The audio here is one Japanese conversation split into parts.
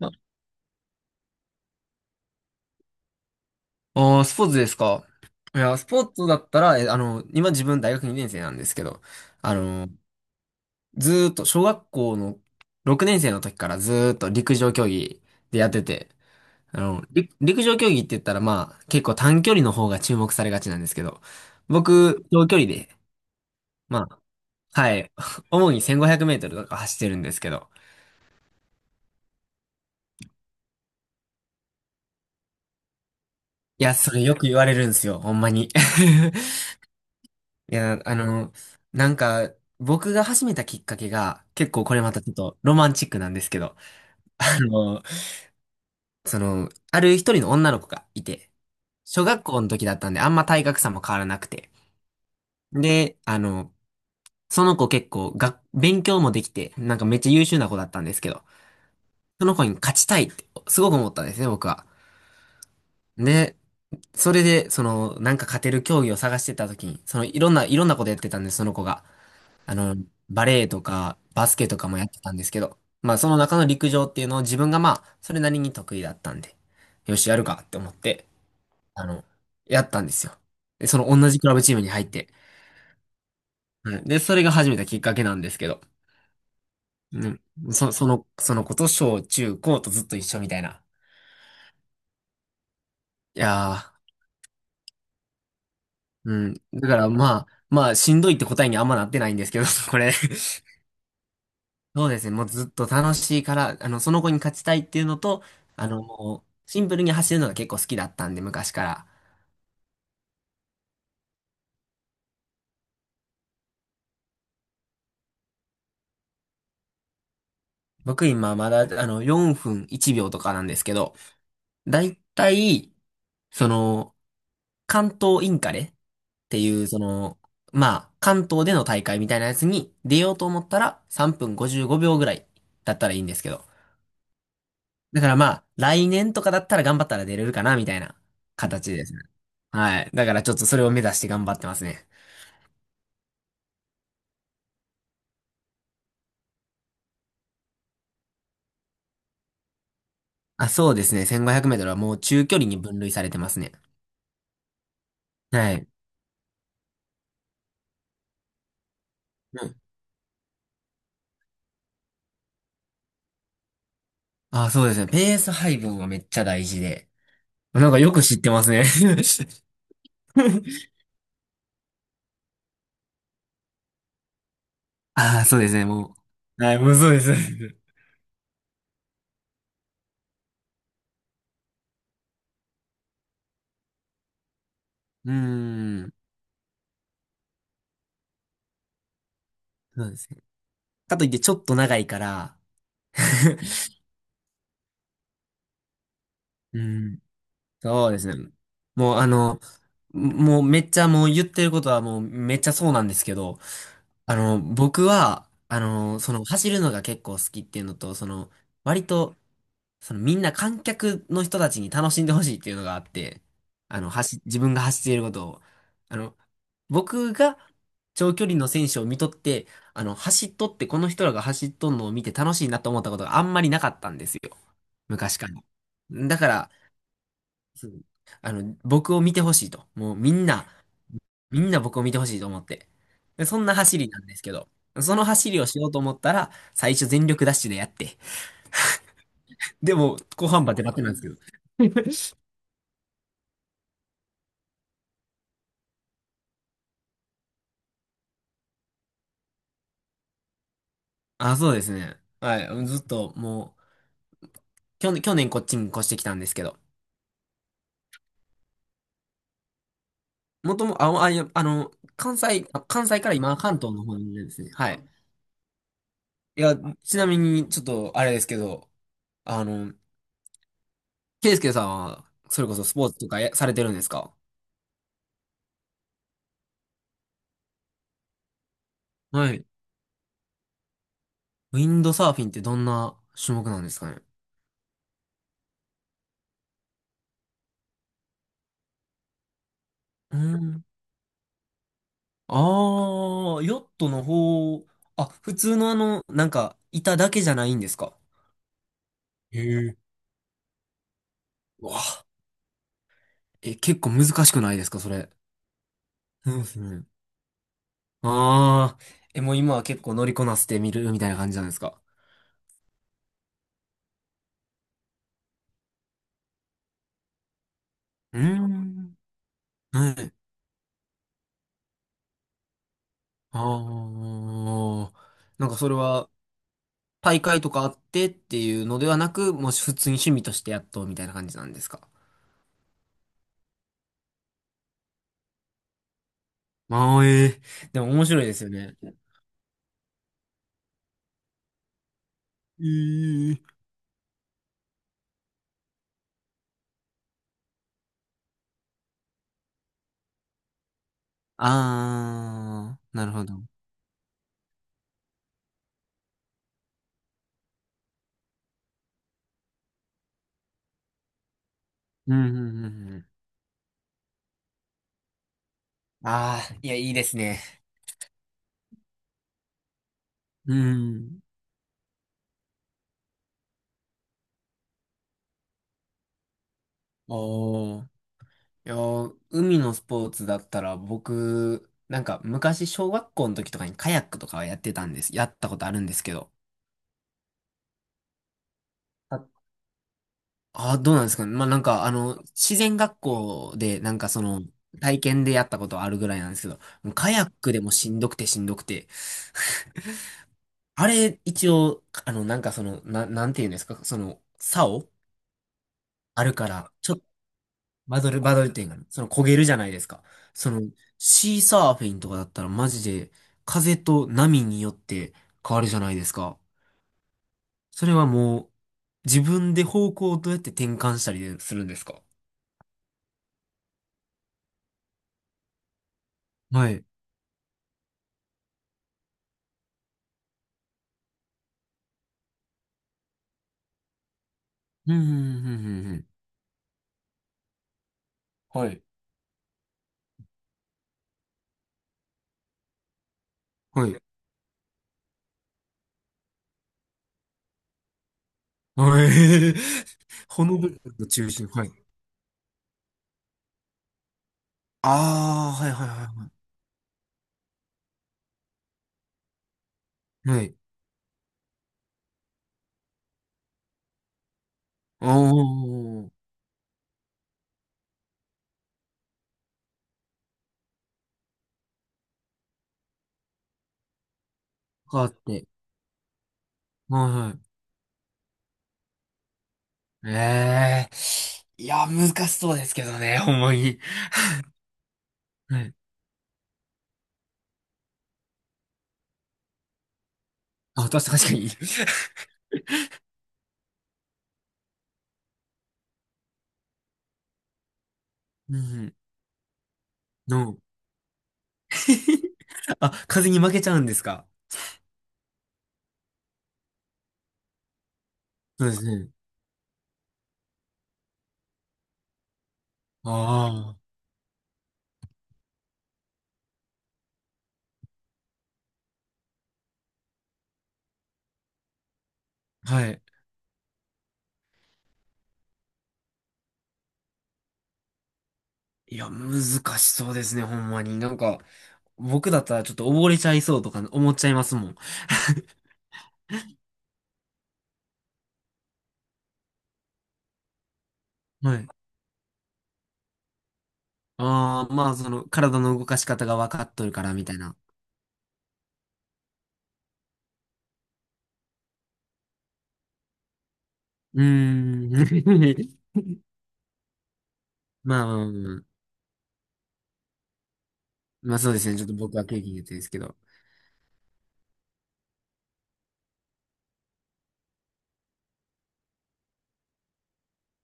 あ、スポーツですか。いや、スポーツだったら、え、あの、今自分大学2年生なんですけど、あの、ずーっと小学校の6年生の時からずーっと陸上競技でやってて、陸上競技って言ったら、まあ結構短距離の方が注目されがちなんですけど、僕、長距離で、まあ、はい、主に1500メートルとか走ってるんですけど、いや、それよく言われるんですよ、ほんまに。いや、なんか、僕が始めたきっかけが、結構これまたちょっとロマンチックなんですけど、あの、ある一人の女の子がいて、小学校の時だったんで、あんま体格差も変わらなくて。で、その子結構が、勉強もできて、なんかめっちゃ優秀な子だったんですけど、その子に勝ちたいって、すごく思ったんですね、僕は。で、それで、なんか勝てる競技を探してた時に、いろんなことやってたんです、その子が。あの、バレエとか、バスケとかもやってたんですけど、まあ、その中の陸上っていうのを自分がまあ、それなりに得意だったんで、よし、やるかって思って、あの、やったんですよ。で、その同じクラブチームに入って、うんで、それが始めたきっかけなんですけど、うん、その子と小中高とずっと一緒みたいな。いやー、うん。だからまあ、しんどいって答えにあんまなってないんですけど、これ。そうですね。もうずっと楽しいから、その子に勝ちたいっていうのと、もう、シンプルに走るのが結構好きだったんで、昔から。僕今まだ、4分1秒とかなんですけど、だいたい、その、関東インカレっていう、まあ、関東での大会みたいなやつに出ようと思ったら、3分55秒ぐらいだったらいいんですけど。だからまあ、来年とかだったら頑張ったら出れるかな、みたいな形ですね。はい。だからちょっとそれを目指して頑張ってますね。あ、そうですね。1500メートルはもう中距離に分類されてますね。はい。うん。あ、そうですね。ペース配分はめっちゃ大事で。なんかよく知ってますね。ああ、そうですね。もう。はい、もうそうです。うーん。そうですね。かといってちょっと長いから。うーん。そうですね。もうあの、もうめっちゃもう言ってることはもうめっちゃそうなんですけど、僕は、走るのが結構好きっていうのと、割と、みんな観客の人たちに楽しんでほしいっていうのがあって、自分が走っていることを、あの、僕が長距離の選手を見とって、走っとってこの人らが走っとんのを見て楽しいなと思ったことがあんまりなかったんですよ。昔から。だから、うん僕を見てほしいと。もうみんな、みんな僕を見てほしいと思って。で、そんな走りなんですけど、その走りをしようと思ったら、最初全力ダッシュでやって、でも、後半バテバテなんですけど。あ、そうですね。はい。ずっと、もう、去年こっちに越してきたんですけど、もとも、あ、あ、いや、関西から今、関東の方にいるんですね。はい。いや、ちなみに、ちょっと、あれですけど、あの、ケイスケさんは、それこそスポーツとかやされてるんですか？はい。ウィンドサーフィンってどんな種目なんですかね？うん。ああ、ヨットの方、あ、普通の板だけじゃないんですか？へえ。うわあ、結構難しくないですか、それ。そうですね。ああ、もう今は結構乗りこなしてみるみたいな感じなんですか？うーん。はい。ああ、なんかそれは、大会とかあってっていうのではなく、もう普通に趣味としてやっとみたいな感じなんですか？ああ、ええ、でも面白いですよね。えーあー、なるほど。うん、うん、うん。うん、いや、いいですね。うん。おー。いやー、海のスポーツだったら、僕、なんか、昔、小学校の時とかにカヤックとかはやってたんです。やったことあるんですけど。あ、どうなんですかね。まあ、なんか、自然学校で、なんか体験でやったことあるぐらいなんですけど、もうカヤックでもしんどくてしんどくて、あれ、一応、なんかなんていうんですか、竿あるから、ちょっと、バドル点がある。その焦げるじゃないですか。その、シーサーフィンとかだったらマジで、風と波によって変わるじゃないですか。それはもう、自分で方向をどうやって転換したりするんですか？はい。うん、うん、うん、うんうん。はい。はい。はい。ほのぶるの中心。はい。ああ、はい、はい、はい。はい。はい。おー、変わって。はい、はい。ええーいや、難しそうですけどね、ほんまに。はい。あ、確かに。うん。の。あ、風に負けちゃうんですか？そうですね。ああ。はい。いや、難しそうですね、ほんまに。なんか、僕だったらちょっと溺れちゃいそうとか思っちゃいますもん。はい。ああ、まあ、体の動かし方が分かっとるから、みたいな。うーん。まあ、まあ、まあまあそうですね。ちょっと僕は経験言ってですけど。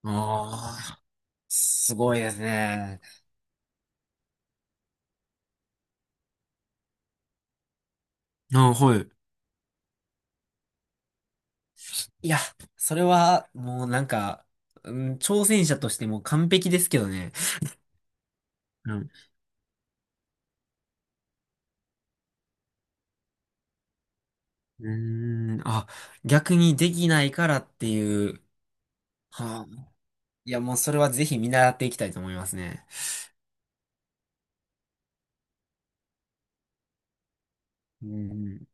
ああ、すごいですね。ああ、はい。いや、それは、もうなんか、うん、挑戦者としてもう完璧ですけどね。うん。うーん、あ、逆にできないからっていう。はあ、いや、もうそれはぜひ見習っていきたいと思いますね。うん。